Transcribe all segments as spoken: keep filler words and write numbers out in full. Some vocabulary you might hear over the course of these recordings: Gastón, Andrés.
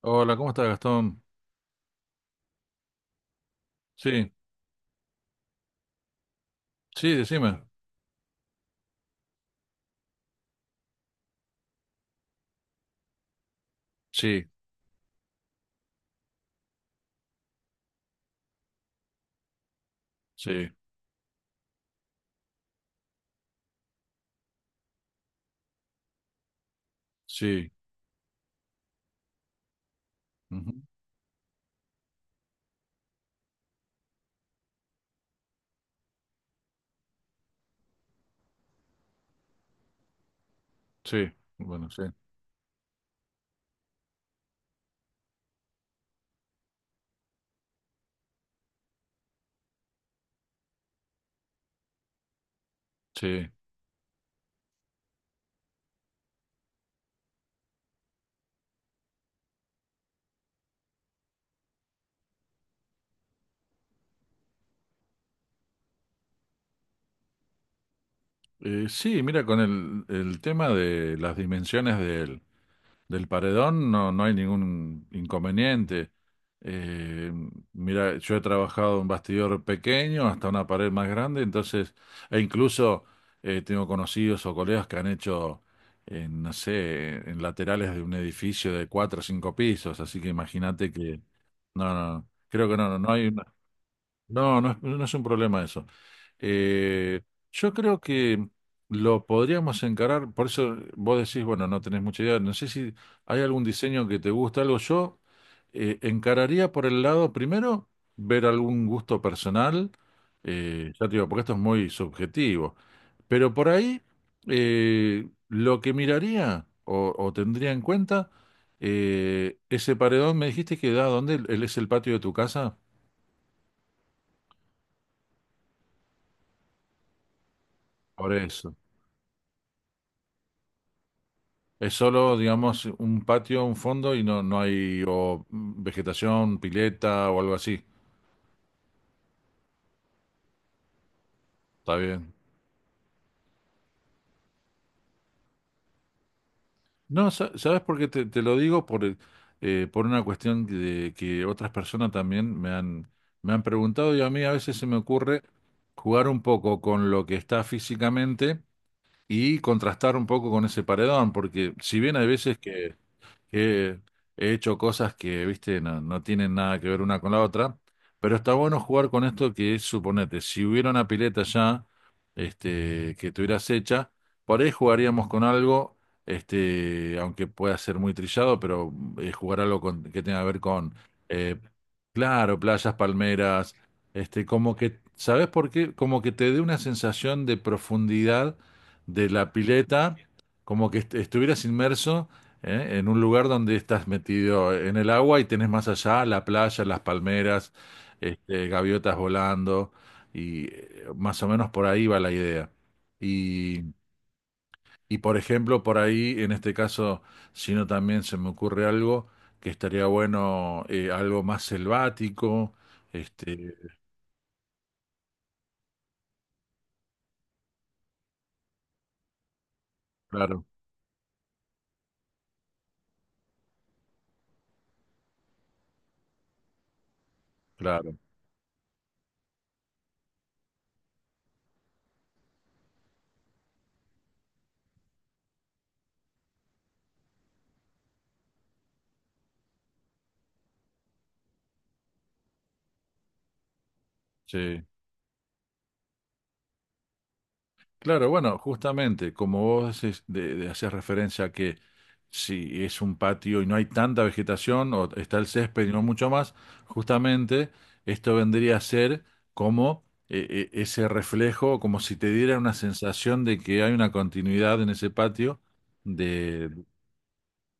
Hola, ¿cómo estás, Gastón? Sí, sí, decime. Sí, sí, sí, ujú, sí, bueno, sí, sí. Eh, sí, mira, con el, el tema de las dimensiones del, Del paredón no, no hay ningún inconveniente. Eh, mira, yo he trabajado en bastidor pequeño hasta una pared más grande, entonces, e incluso eh, tengo conocidos o colegas que han hecho, en, no sé, en laterales de un edificio de cuatro o cinco pisos, así que imagínate que, no, no, no, creo que no, no no hay, no, no es, no es un problema eso. Eh, yo creo que lo podríamos encarar, por eso vos decís, bueno, no tenés mucha idea, no sé si hay algún diseño que te gusta, algo yo eh, encararía por el lado, primero, ver algún gusto personal, eh, ya te digo, porque esto es muy subjetivo, pero por ahí eh, lo que miraría o, o tendría en cuenta, eh, ese paredón, me dijiste que da, ¿dónde? ¿El- ¿Es el patio de tu casa? Por eso. Es solo, digamos, un patio, un fondo y no, no hay o mm, vegetación, pileta o algo así. Está bien. No, sa- ¿sabes por qué te, te lo digo? Por, el- eh, por una cuestión de que otras personas también me han, me han preguntado y a mí a veces se me ocurre jugar un poco con lo que está físicamente y contrastar un poco con ese paredón, porque si bien hay veces que que he hecho cosas que, viste, no, no tienen nada que ver una con la otra, pero está bueno jugar con esto que es, suponete, si hubiera una pileta ya, este, que tuvieras hecha, por ahí jugaríamos con algo, este, aunque pueda ser muy trillado, pero mm, eh, jugar algo con, que tenga que ver con, eh, claro, playas, palmeras, este, como que, ¿sabes por qué? Como que te dé una sensación de profundidad de la pileta, como que est- estuvieras inmerso, ¿eh? En un lugar donde estás metido en el agua y tenés más allá la playa, las palmeras, este, gaviotas volando, y eh, más o menos por ahí va la idea. Y, y, por ejemplo, por ahí, en este caso, si no también se me ocurre algo que estaría bueno, eh, algo más selvático, este, claro, claro, sí. Claro, bueno, justamente como vos haces- de, de- hacías referencia a que si es un patio y no hay tanta vegetación o está el césped y no mucho más, justamente esto vendría a ser como eh, eh, ese reflejo, como si te diera una sensación de que hay una continuidad en ese patio.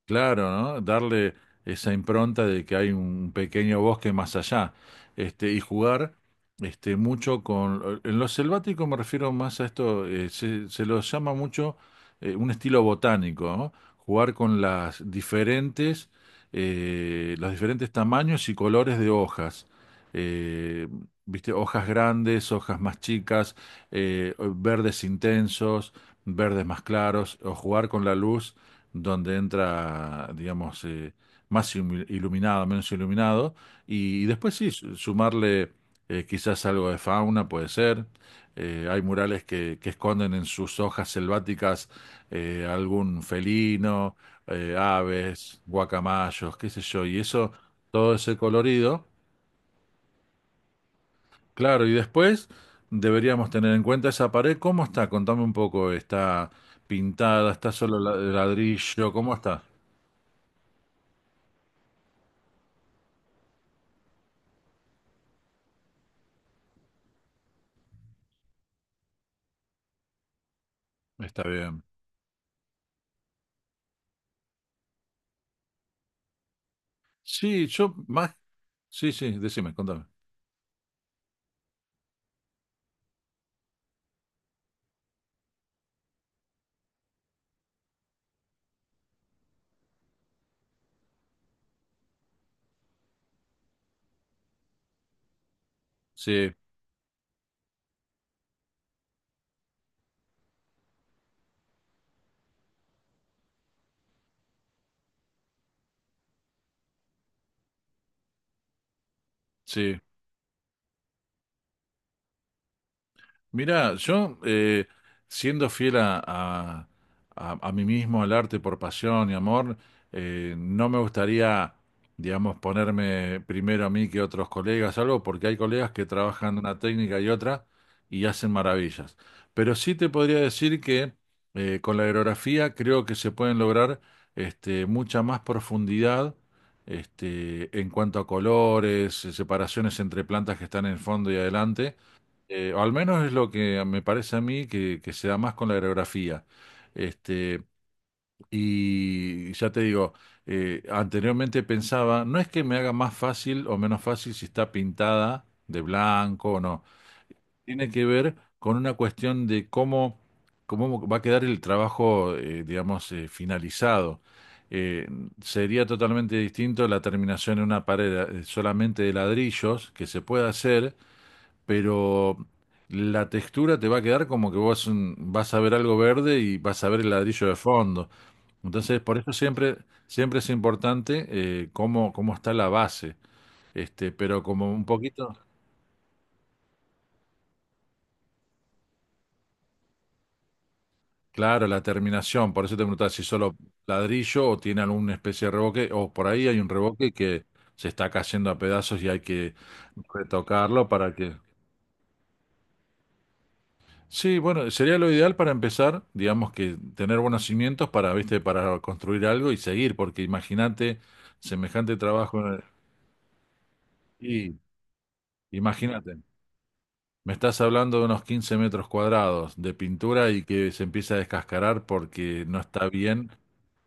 Claro, ¿no? Darle esa impronta de que hay un pequeño bosque más allá, este, y jugar este, mucho con... En lo selvático me refiero más a esto, eh, se, se lo llama mucho eh, un estilo botánico, ¿no? Jugar con las diferentes, eh, los diferentes tamaños y colores de hojas. Eh, ¿viste? Hojas grandes, hojas más chicas, eh, verdes intensos, verdes más claros, o jugar con la luz donde entra, digamos, eh, más ilu- iluminado, menos iluminado, y, y después sí, su- sumarle eh, quizás algo de fauna, puede ser. Eh, hay murales que, que esconden en sus hojas selváticas eh, algún felino, eh, aves, guacamayos, qué sé yo, y eso, todo ese colorido, claro, y después deberíamos tener en cuenta esa pared, ¿cómo está? Contame un poco, ¿está pintada? ¿Está solo la- ladrillo? ¿Cómo está? Está bien. Sí, yo más. Sí, sí, decime, contame. Sí, sí. Mira, yo eh, siendo fiel a, a- a- a mí mismo, al arte por pasión y amor, eh, no me gustaría, digamos, ponerme primero a mí que otros colegas, algo, porque hay colegas que trabajan una técnica y otra y hacen maravillas. Pero sí te podría decir que eh, con la aerografía creo que se pueden lograr este, mucha más profundidad este, en cuanto a colores, separaciones entre plantas que están en el fondo y adelante, eh, o al menos es lo que me parece a mí que, que se da más con la aerografía. Este, y ya te digo, eh, anteriormente pensaba, no es que me haga más fácil o menos fácil si está pintada de blanco o no. Tiene que ver con una cuestión de cómo, cómo va a quedar el trabajo, eh, digamos, eh, finalizado. Eh, sería totalmente distinto la terminación en una pared eh, solamente de ladrillos, que se puede hacer, pero la textura te va a quedar como que vos mm, vas a ver algo verde y vas a ver el ladrillo de fondo. Entonces, por eso siempre, siempre es importante eh, cómo, cómo está la base, este, pero como un poquito, claro, la terminación, por eso te preguntaba si solo ladrillo o tiene alguna especie de revoque, o por ahí hay un revoque que se está cayendo a pedazos y hay que retocarlo para que... Sí, bueno, sería lo ideal para empezar, digamos que tener buenos cimientos para, viste, para construir algo y seguir, porque imagínate semejante trabajo en el- y imagínate. Me estás hablando de unos quince metros cuadrados de pintura y que se empieza a descascarar porque no está bien,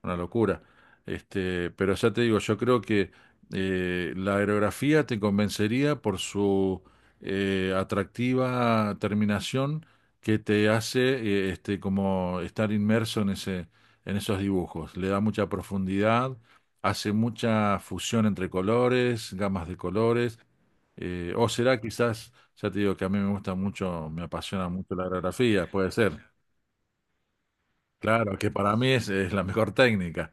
una locura. Este, pero ya te digo, yo creo que eh, la aerografía te convencería por su eh, atractiva terminación que te hace eh, este, como estar inmerso en ese, en esos dibujos. Le da mucha profundidad, hace mucha fusión entre colores, gamas de colores. Eh, o será quizás ya te digo que a mí me gusta mucho, me apasiona mucho la aerografía, puede ser. Claro, que para mí es, es la mejor técnica.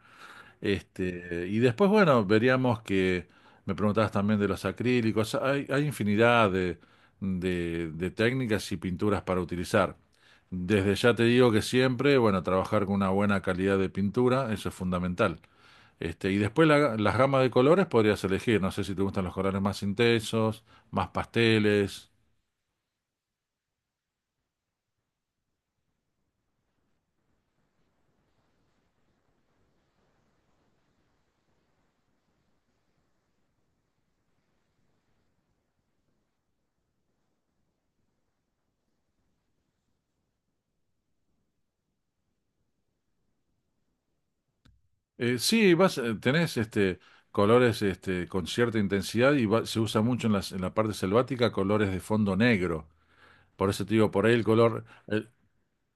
Este, y después, bueno, veríamos que me preguntabas también de los acrílicos. Hay, hay infinidad de, de- de técnicas y pinturas para utilizar. Desde ya te digo que siempre, bueno, trabajar con una buena calidad de pintura, eso es fundamental. Este, y después la- las gamas de colores podrías elegir. No sé si te gustan los colores más intensos, más pasteles. Eh, sí, vas, eh, tenés este, colores este, con cierta intensidad y va- se usa mucho en las- en la parte selvática colores de fondo negro. Por eso te digo, por ahí el color. eh,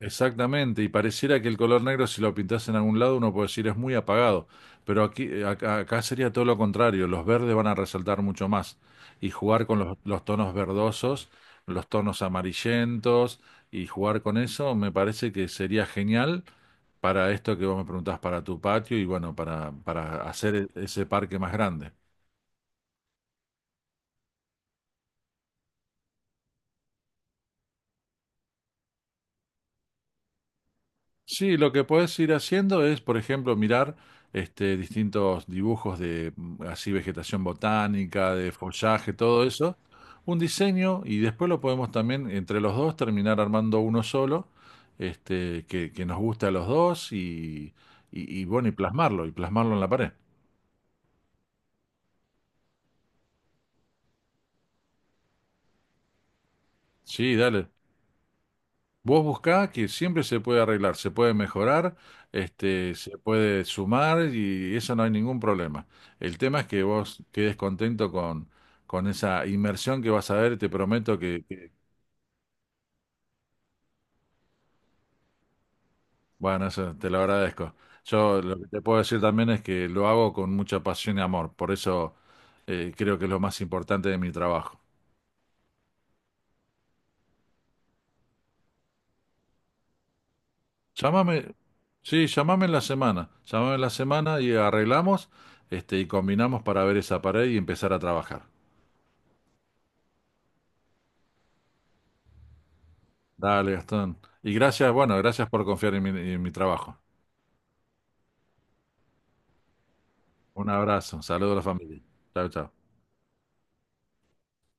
Exactamente, y pareciera que el color negro, si lo pintas en algún lado, uno puede decir es muy apagado, pero aquí, eh, acá, acá sería todo lo contrario, los verdes van a resaltar mucho más y jugar con los, los tonos verdosos, los tonos amarillentos y jugar con eso me parece que sería genial para esto que vos me preguntás, para tu patio y bueno, para, para hacer e- ese parque más grande. Sí, lo que puedes ir haciendo es, por ejemplo, mirar este, distintos dibujos de mm, así vegetación botánica, de follaje, todo eso, un diseño y después lo podemos también entre los dos terminar armando uno solo, este, que, que nos guste a los dos y, y, y bueno, y plasmarlo, y plasmarlo en la pared. Sí, dale. Vos buscá que siempre se puede arreglar, se puede mejorar, este, se puede sumar y eso no hay ningún problema. El tema es que vos quedes contento con, con esa inmersión que vas a ver, te prometo que, que- bueno, eso te lo agradezco. Yo lo que te puedo decir también es que lo hago con mucha pasión y amor, por eso eh, creo que es lo más importante de mi trabajo. Llámame, sí, llámame en la semana, llámame en la semana y arreglamos, este, y combinamos para ver esa pared y empezar a trabajar. Dale, Gastón. Y gracias, bueno, gracias por confiar en mi, en mi trabajo. Un abrazo, saludos a la familia. Chao, chao.